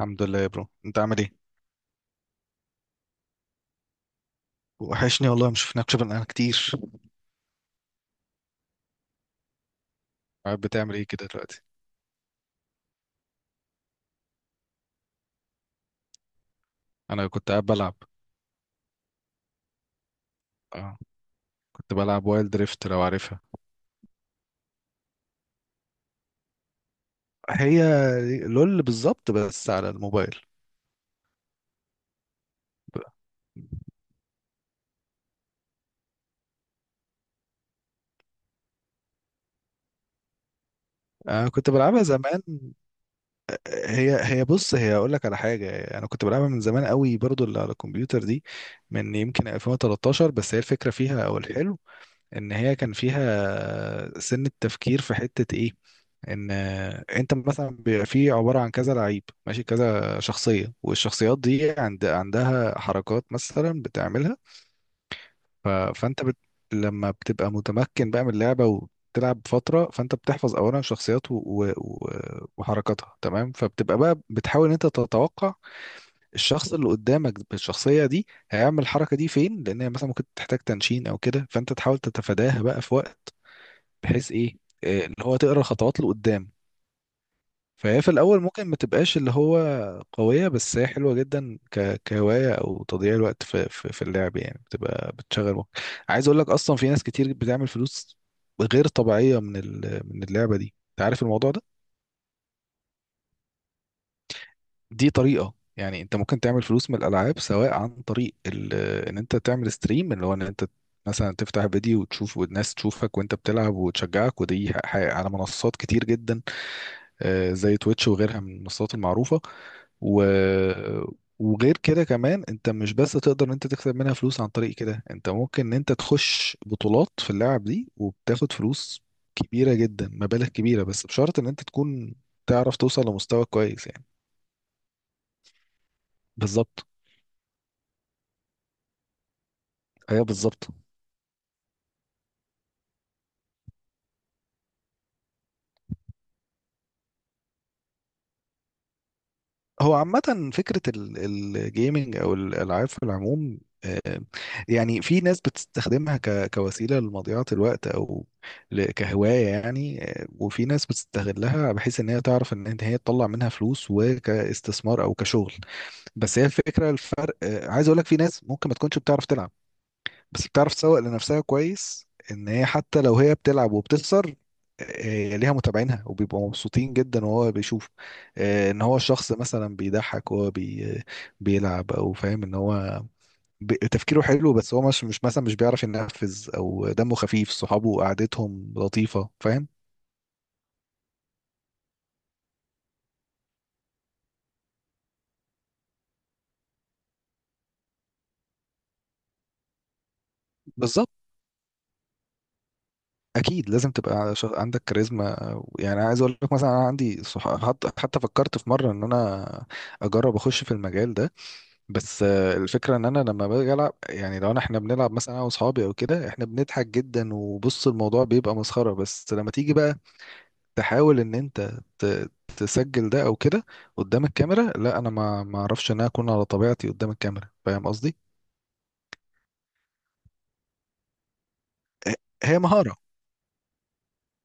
الحمد لله يا برو، انت عامل ايه؟ وحشني والله، ما شفناكش بقالنا كتير. قاعد بتعمل ايه كده دلوقتي؟ انا كنت قاعد بلعب. اه، كنت بلعب وايلد دريفت، لو عارفها. هي لول، بالظبط، بس على الموبايل. انا كنت بلعبها زمان. هي بص، هي اقول لك على حاجه، انا كنت بلعبها من زمان قوي برضو اللي على الكمبيوتر دي، من يمكن 2013. بس هي الفكره فيها او الحلو ان هي كان فيها سن التفكير في حتة ايه، ان انت مثلا بيبقى فيه عبارة عن كذا لعيب، ماشي، كذا شخصية، والشخصيات دي عندها حركات مثلا بتعملها. ف... فانت بت... لما بتبقى متمكن بقى من اللعبة وتلعب فترة، فانت بتحفظ اولا شخصيات و... و... و- وحركاتها، تمام. فبتبقى بقى بتحاول ان انت تتوقع الشخص اللي قدامك بالشخصية دي هيعمل الحركة دي فين، لان هي مثلا ممكن تحتاج تنشين او كده، فانت تحاول تتفاداها بقى في وقت، بحيث ايه، اللي هو تقرا الخطوات لقدام. فهي في الاول ممكن ما تبقاش اللي هو قويه، بس هي حلوه جدا ك... كهوايه او تضييع الوقت في اللعب يعني، بتبقى بتشغل وقت. عايز اقول لك، اصلا في ناس كتير بتعمل فلوس غير طبيعيه من اللعبه دي، انت عارف الموضوع ده؟ دي طريقه، يعني انت ممكن تعمل فلوس من الالعاب سواء عن طريق ان انت تعمل ستريم، اللي هو ان انت مثلا تفتح فيديو وتشوف، والناس تشوفك وانت بتلعب وتشجعك، ودي على منصات كتير جدا، زي تويتش وغيرها من المنصات المعروفة. و... وغير كده كمان، انت مش بس تقدر ان انت تكسب منها فلوس عن طريق كده، انت ممكن ان انت تخش بطولات في اللعب دي وبتاخد فلوس كبيرة جدا، مبالغ كبيرة، بس بشرط ان انت تكون تعرف توصل لمستوى كويس يعني. بالظبط، ايوه بالظبط. هو عامة فكرة الجيمنج أو الألعاب في العموم، آه، يعني في ناس بتستخدمها كوسيلة لمضيعة الوقت، أو كهواية يعني، آه، وفي ناس بتستغلها بحيث إن هي تعرف إن هي تطلع منها فلوس، وكاستثمار أو كشغل. بس هي الفكرة الفرق، آه، عايز أقول لك في ناس ممكن ما تكونش بتعرف تلعب، بس بتعرف تسوق لنفسها كويس، ان هي حتى لو هي بتلعب وبتخسر، آه، ليها متابعينها وبيبقوا مبسوطين جدا، وهو بيشوف، آه، ان هو الشخص مثلا بيضحك وهو بي بيلعب، او فاهم ان هو تفكيره حلو، بس هو مش مش مثلا مش بيعرف ينفذ، او دمه خفيف، صحابه قعدتهم لطيفة، فاهم. بالظبط، اكيد لازم تبقى عندك كاريزما، يعني عايز اقول لك مثلا انا عندي حتى فكرت في مرة ان انا اجرب اخش في المجال ده، بس آه، الفكرة ان انا لما باجي العب، يعني لو احنا بنلعب مثلا انا واصحابي او كده، احنا بنضحك جدا، وبص الموضوع بيبقى مسخرة، بس لما تيجي بقى تحاول ان انت تسجل ده او كده قدام الكاميرا، لا انا ما اعرفش ان انا اكون على طبيعتي قدام الكاميرا، فاهم قصدي؟ ه- هي مهارة،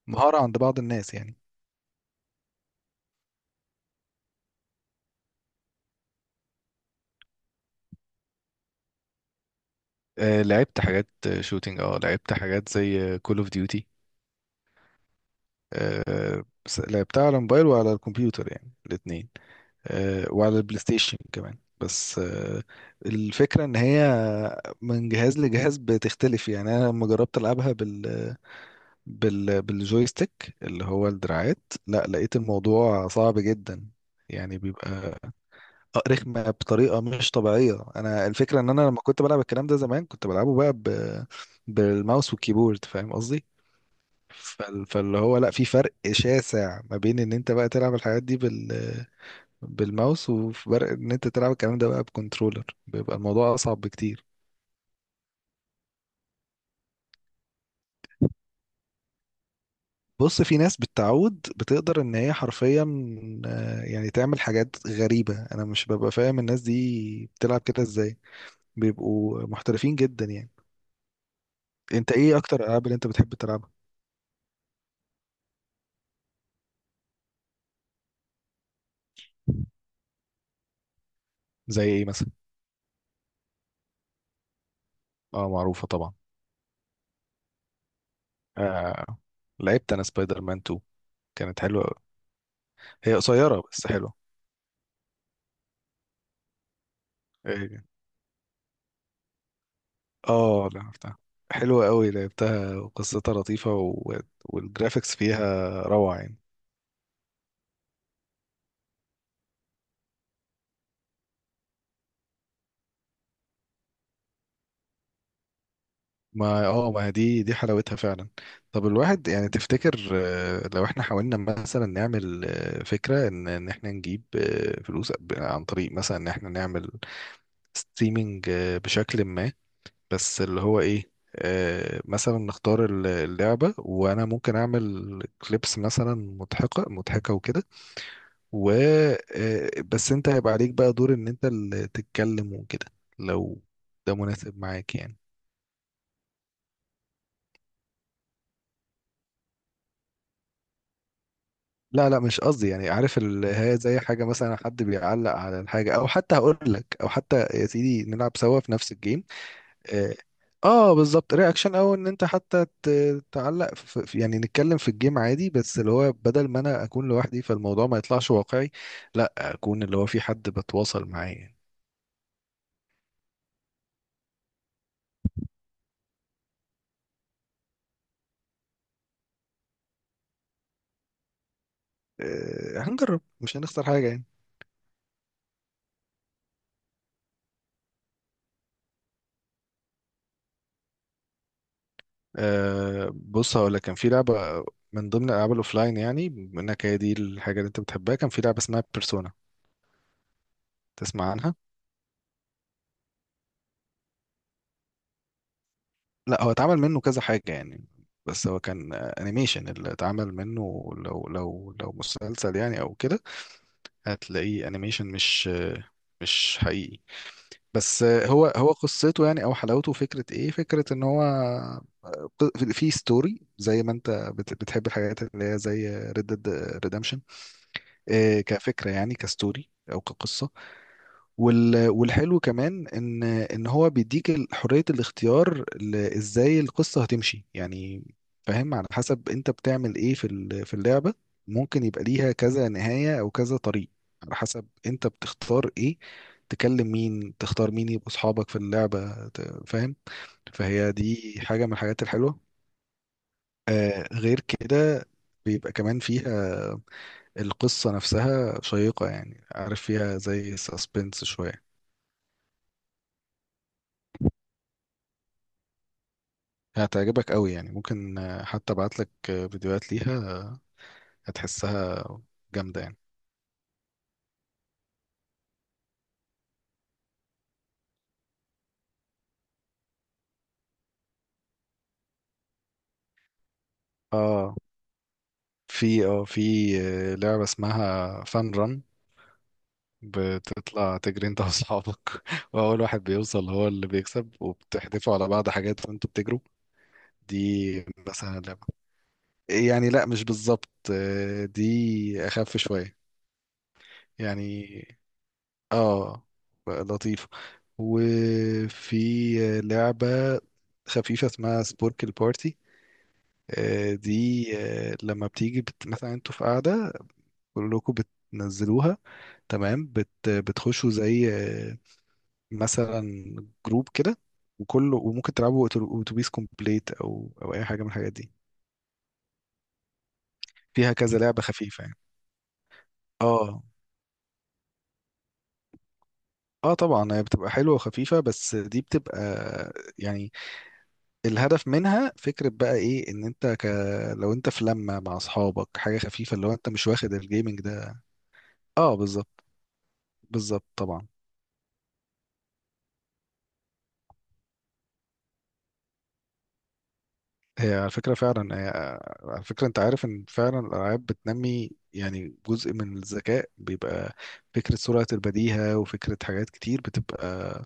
مهارة عند بعض الناس يعني. آه، لعبت حاجات شوتينج، اه لعبت حاجات زي كول اوف ديوتي. لعبتها على الموبايل وعلى الكمبيوتر، يعني الاتنين، آه، وعلى البلاي ستيشن كمان. بس آه، الفكرة ان هي من جهاز لجهاز بتختلف، يعني انا لما جربت العبها بال بال بالجويستيك اللي هو الدراعات، لا لقيت الموضوع صعب جدا، يعني بيبقى رخمة بطريقة مش طبيعية. انا الفكرة ان انا لما كنت بلعب الكلام ده زمان، كنت بلعبه بقى بالماوس والكيبورد، فاهم قصدي؟ فاللي هو لا، في فرق شاسع ما بين ان انت بقى تلعب الحاجات دي بالماوس، وفي فرق ان انت تلعب الكلام ده بقى بكنترولر، بيبقى الموضوع اصعب بكتير. بص، في ناس بالتعود بتقدر ان هي حرفيا، آه، يعني تعمل حاجات غريبة، انا مش ببقى فاهم الناس دي بتلعب كده ازاي، بيبقوا محترفين جدا يعني. انت ايه اكتر الالعاب اللي انت بتحب تلعبها؟ زي ايه مثلا؟ اه معروفة طبعا. آه، لعبت انا سبايدر مان 2، كانت حلوة أوي. هي قصيرة بس حلوة. آه، اه لعبتها، حلوة قوي لعبتها، وقصتها لطيفة، والجرافيكس فيها روعة يعني. ما دي حلاوتها فعلا. طب الواحد يعني تفتكر آه، لو احنا حاولنا مثلا نعمل آه، فكرة ان احنا نجيب آه، فلوس عن طريق مثلا ان احنا نعمل ستريمينج بشكل ما، بس اللي هو ايه، آه، مثلا نختار اللعبة، وانا ممكن اعمل كليبس مثلا مضحكة وكده، و آه، بس انت هيبقى عليك بقى دور ان انت اللي تتكلم وكده، لو ده مناسب معاك يعني. لا لا، مش قصدي، يعني عارف هي زي حاجة مثلا حد بيعلق على الحاجة، او حتى هقول لك، او حتى يا سيدي نلعب سوا في نفس الجيم. اه، آه، بالظبط، رياكشن، او ان انت حتى تعلق يعني نتكلم في الجيم عادي، بس اللي هو بدل ما انا اكون لوحدي فالموضوع ما يطلعش واقعي، لا اكون اللي هو في حد بتواصل معاه يعني. آه، هنجرب، مش هنخسر حاجة يعني. آه بص، هقول لك كان في لعبة من ضمن الألعاب الأوفلاين، يعني بما إنك هي دي الحاجة اللي أنت بتحبها، كان في لعبة اسمها بيرسونا، تسمع عنها؟ لا، هو اتعمل منه كذا حاجة يعني، بس هو كان أنيميشن، اللي اتعمل منه لو مسلسل يعني أو كده، هتلاقيه أنيميشن، مش آه، مش حقيقي. بس آه، هو قصته يعني أو حلاوته فكرة إيه؟ فكرة إن هو آه، في ستوري، زي ما أنت بتحب الحاجات اللي هي زي ريد ديد. آه، كفكره يعني، كستوري او كقصه. وال- والحلو كمان ان هو بيديك حريه الاختيار ازاي القصه هتمشي يعني، فاهم، على حسب انت بتعمل ايه في اللعبه، ممكن يبقى ليها كذا نهايه او كذا طريق، على حسب انت بتختار ايه، تكلم مين، تختار مين يبقوا اصحابك في اللعبه فاهم. فهي دي حاجه من الحاجات الحلوه. آه غير كده، بيبقى كمان فيها القصة نفسها شيقة يعني، عارف فيها زي ساسبنس شوية، هتعجبك قوي يعني. ممكن آه، حتى ابعتلك آه، فيديوهات ليها، آه، هتحسها جامدة يعني. اه، في آه، لعبة اسمها فان ران، بتطلع تجري انت واصحابك واول واحد بيوصل هو اللي بيكسب، وبتحدفوا على بعض حاجات وانتوا بتجروا. دي مثلا لعبة، يعني لا مش بالظبط، آه، دي اخف شوية يعني، اه، بقى لطيفة. وفي لعبة خفيفة اسمها سبوركل بارتي، آه، دي آه، لما بتيجي مثلا انتوا في قاعدة كلكم بتنزلوها، تمام، بتخشوا زي آه، مثلا جروب كده، وكله، وممكن تلعبوا اتوبيس كومبليت، او اي حاجة من الحاجات دي، فيها كذا لعبة خفيفة يعني. اه، اه طبعا هي بتبقى حلوة وخفيفة، بس دي بتبقى يعني الهدف منها فكرة بقى ايه، ان انت لو انت في لمة مع اصحابك حاجة خفيفة، لو انت مش واخد الجيمنج ده. اه بالظبط، بالظبط طبعا. هي على فكرة فعلا، هي على فكرة انت عارف ان فعلا الالعاب بتنمي يعني جزء من الذكاء، بيبقى فكرة سرعة البديهة، وفكرة حاجات كتير بتبقى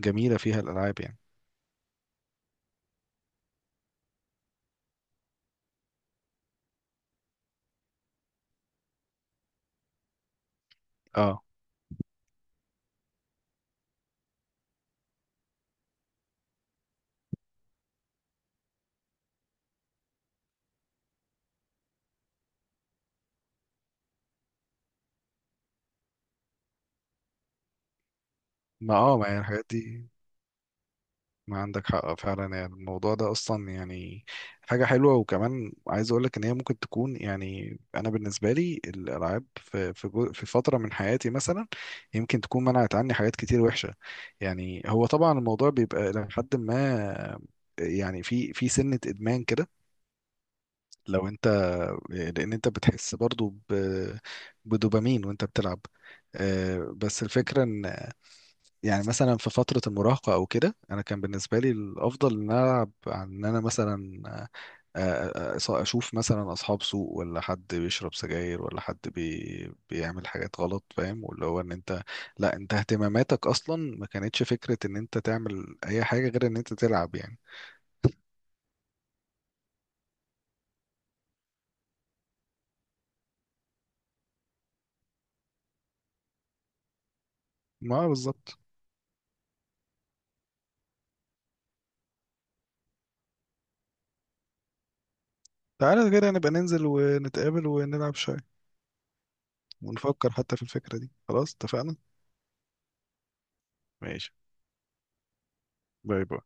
جميلة فيها الالعاب يعني. اه، ما يعني الحاجات دي، ما عندك حق فعلا، يعني الموضوع ده اصلا يعني حاجه حلوه. وكمان عايز اقول لك ان هي ممكن تكون، يعني انا بالنسبه لي الالعاب في فتره من حياتي مثلا، يمكن تكون منعت عني حاجات كتير وحشه، يعني هو طبعا الموضوع بيبقى لحد ما يعني في سنه ادمان كده لو انت، آه، لان انت بتحس برضو بدوبامين وانت بتلعب، آه، بس الفكره ان يعني مثلا في فترة المراهقة أو كده، أنا كان بالنسبة لي الأفضل إن أنا ألعب، عن إن أنا مثلا أشوف مثلا أصحاب سوء، ولا حد بيشرب سجاير، ولا حد بيعمل حاجات غلط، فاهم، واللي هو إن أنت، لا أنت اهتماماتك أصلا ما كانتش فكرة إن أنت تعمل أي حاجة غير إن أنت تلعب يعني. ما بالظبط. تعالى كده نبقى ننزل ونتقابل ونلعب شوية، ونفكر حتى في الفكرة دي، خلاص اتفقنا. ماشي. باي باي.